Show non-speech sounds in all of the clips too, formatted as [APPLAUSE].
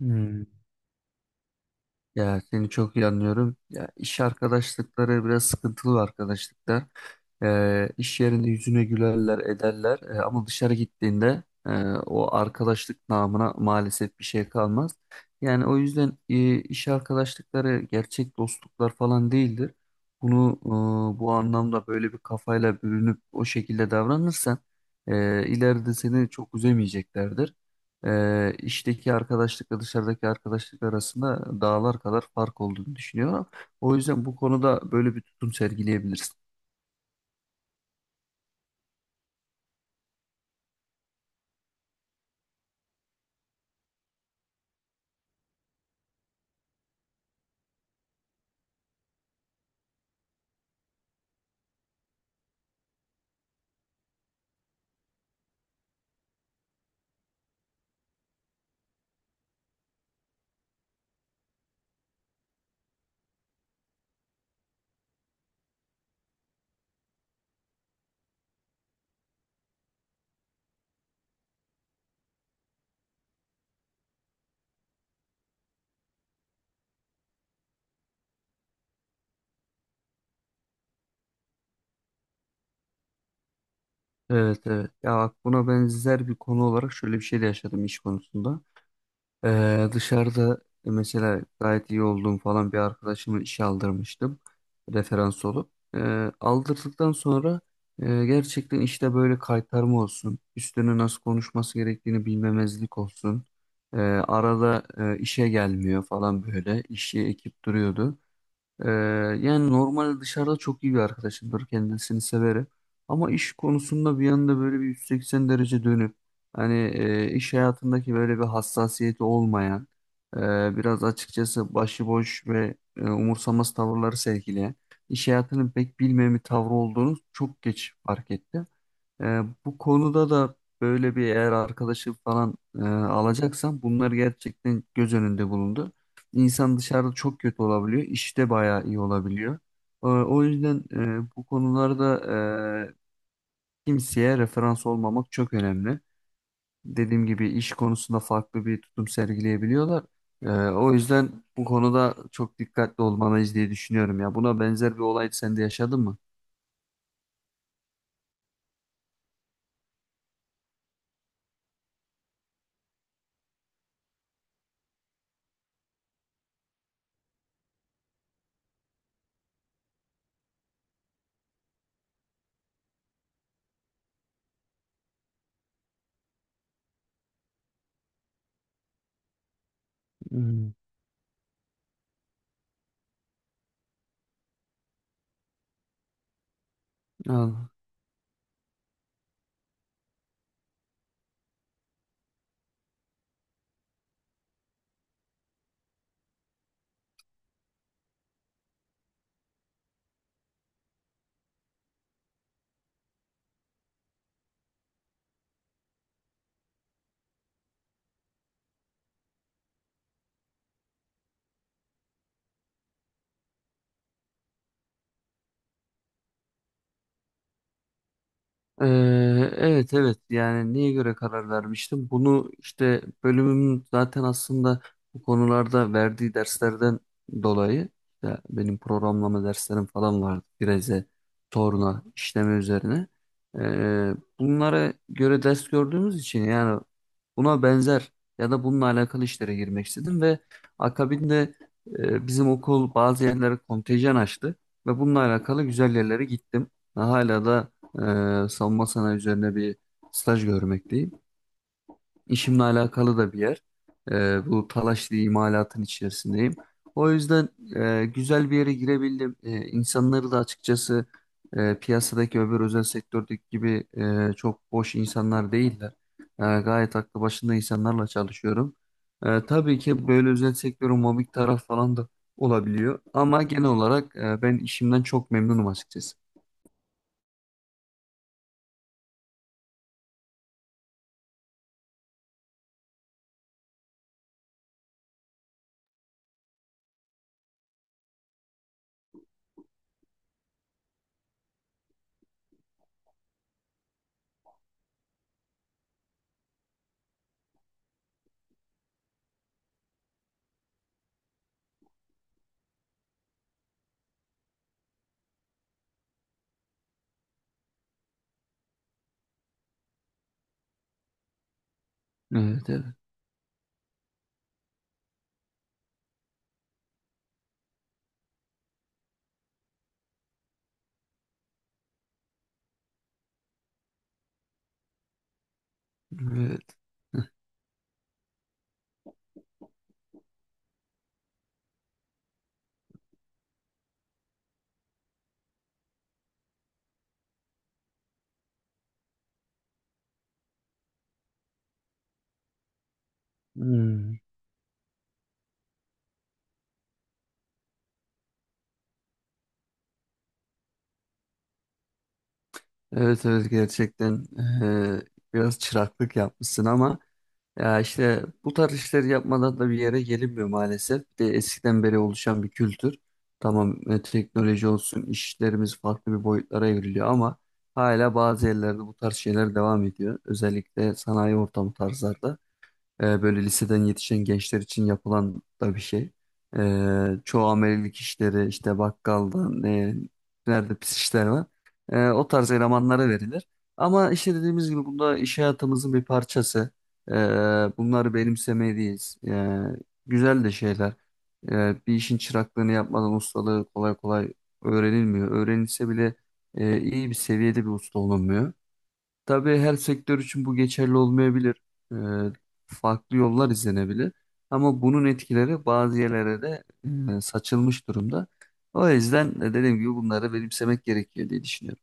Hmm. Ya seni çok iyi anlıyorum. Ya iş arkadaşlıkları biraz sıkıntılı arkadaşlıklar. İş yerinde yüzüne gülerler, ederler. Ama dışarı gittiğinde o arkadaşlık namına maalesef bir şey kalmaz. Yani o yüzden iş arkadaşlıkları gerçek dostluklar falan değildir. Bunu bu anlamda böyle bir kafayla bürünüp o şekilde davranırsan ileride seni çok üzemeyeceklerdir. İşteki arkadaşlıkla dışarıdaki arkadaşlık arasında dağlar kadar fark olduğunu düşünüyorum. O yüzden bu konuda böyle bir tutum sergileyebilirsin. Evet evet. Ya bak buna benzer bir konu olarak şöyle bir şey de yaşadım iş konusunda. Dışarıda mesela gayet iyi olduğum falan bir arkadaşımı işe aldırmıştım referans olup. Aldırdıktan sonra gerçekten işte böyle kaytarma olsun, üstüne nasıl konuşması gerektiğini bilmemezlik olsun. Arada işe gelmiyor falan böyle işi ekip duruyordu. Ee, Yani normal dışarıda çok iyi bir arkadaşımdır, kendisini severim. Ama iş konusunda bir anda böyle bir 180 derece dönüp hani iş hayatındaki böyle bir hassasiyeti olmayan e, biraz açıkçası başıboş ve umursamaz tavırları sergileyen iş hayatını pek bilmeyen bir tavrı olduğunu çok geç fark etti. Bu konuda da böyle bir eğer arkadaşı falan alacaksan bunlar gerçekten göz önünde bulundu. İnsan dışarıda çok kötü olabiliyor, işte bayağı iyi olabiliyor. O yüzden bu konularda e, kimseye referans olmamak çok önemli. Dediğim gibi iş konusunda farklı bir tutum sergileyebiliyorlar. O yüzden bu konuda çok dikkatli olmalıyız diye düşünüyorum ya. Buna benzer bir olay sen de yaşadın mı? Hmm. Al. Ee, evet evet, yani neye göre karar vermiştim? Bunu işte bölümüm zaten aslında bu konularda verdiği derslerden dolayı, işte benim programlama derslerim falan vardı. Direze, torna, işleme üzerine. Bunlara göre ders gördüğümüz için yani buna benzer ya da bununla alakalı işlere girmek istedim ve akabinde bizim okul bazı yerlere kontenjan açtı ve bununla alakalı güzel yerlere gittim. Ve hala da savunma sanayi üzerine bir staj görmekteyim. İşimle alakalı da bir yer. Bu talaşlı imalatın içerisindeyim. O yüzden güzel bir yere girebildim. İnsanları da açıkçası piyasadaki öbür özel sektördeki gibi çok boş insanlar değiller. Gayet aklı başında insanlarla çalışıyorum. Tabii ki böyle özel sektörün mobbing taraf falan da olabiliyor. Ama genel olarak ben işimden çok memnunum açıkçası. Evet evet. Evet. [LAUGHS] Hmm. Evet evet, gerçekten eee, biraz çıraklık yapmışsın ama ya işte bu tarz işleri yapmadan da bir yere gelinmiyor maalesef. Bir de eskiden beri oluşan bir kültür. Tamam, teknoloji olsun işlerimiz farklı bir boyutlara evriliyor ama hala bazı yerlerde bu tarz şeyler devam ediyor. Özellikle sanayi ortamı tarzlarda. Böyle liseden yetişen gençler için yapılan da bir şey. Çoğu amelilik işleri işte bakkaldan nerede pis işler var. O tarz elemanlara verilir. Ama işte dediğimiz gibi bunda iş hayatımızın bir parçası. E, Bunları benimsemeliyiz. Güzel de şeyler. Bir işin çıraklığını yapmadan ustalığı kolay kolay öğrenilmiyor. Öğrenilse bile iyi bir seviyede bir usta olunmuyor. Tabii her sektör için bu geçerli olmayabilir. Ee, Farklı yollar izlenebilir. Ama bunun etkileri bazı yerlere de saçılmış durumda. O yüzden dediğim gibi bunları benimsemek gerekiyor diye düşünüyorum.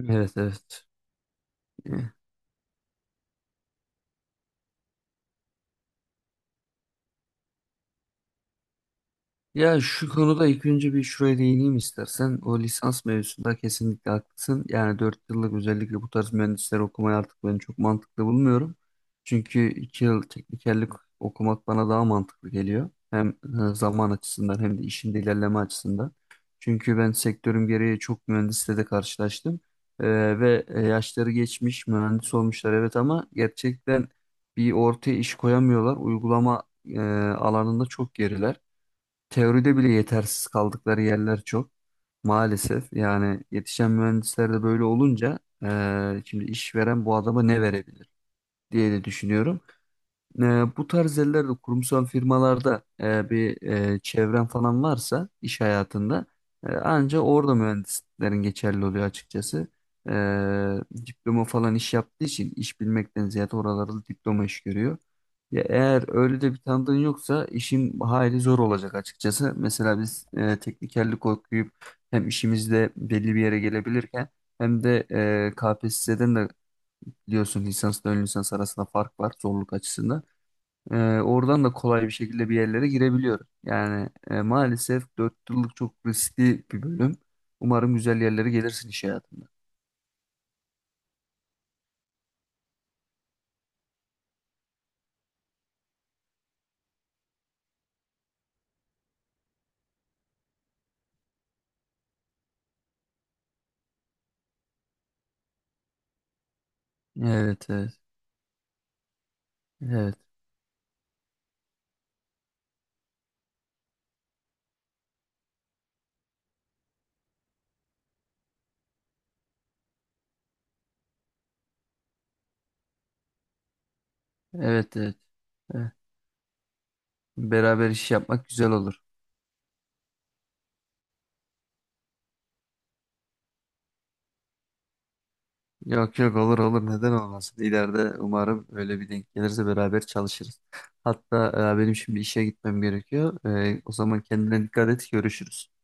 Evet evet. Ya şu konuda ilk önce bir şuraya değineyim istersen. O lisans mevzusunda kesinlikle haklısın. Yani 4 yıllık, özellikle bu tarz mühendisleri okumayı artık ben çok mantıklı bulmuyorum. Çünkü 2 yıl teknikerlik okumak bana daha mantıklı geliyor. Hem zaman açısından hem de işin de ilerleme açısından. Çünkü ben sektörüm gereği çok mühendisle de karşılaştım. Ve yaşları geçmiş mühendis olmuşlar evet, ama gerçekten bir ortaya iş koyamıyorlar. Uygulama e, alanında çok geriler. Teoride bile yetersiz kaldıkları yerler çok. Maalesef, yani yetişen mühendisler de böyle olunca şimdi işveren bu adama ne verebilir diye de düşünüyorum. E, Bu tarz yerlerde kurumsal firmalarda bir çevren falan varsa iş hayatında anca orada mühendislerin geçerli oluyor açıkçası. E, Diploma falan iş yaptığı için iş bilmekten ziyade oralarda diploma iş görüyor. Ya eğer öyle de bir tanıdığın yoksa işin hayli zor olacak açıkçası. Mesela biz teknikerlik okuyup hem işimizde belli bir yere gelebilirken hem de KPSS'den de biliyorsun lisansla ön lisans arasında fark var zorluk açısından. Ee, Oradan da kolay bir şekilde bir yerlere girebiliyorum. Yani maalesef 4 yıllık çok riskli bir bölüm. Umarım güzel yerlere gelirsin iş hayatında. Evet, evet, evet, evet, evet. Evet. Beraber iş yapmak güzel olur. Yok yok, olur olur, neden olmasın. İleride umarım öyle bir denk gelirse beraber çalışırız. Hatta benim şimdi işe gitmem gerekiyor. O zaman kendine dikkat et, görüşürüz.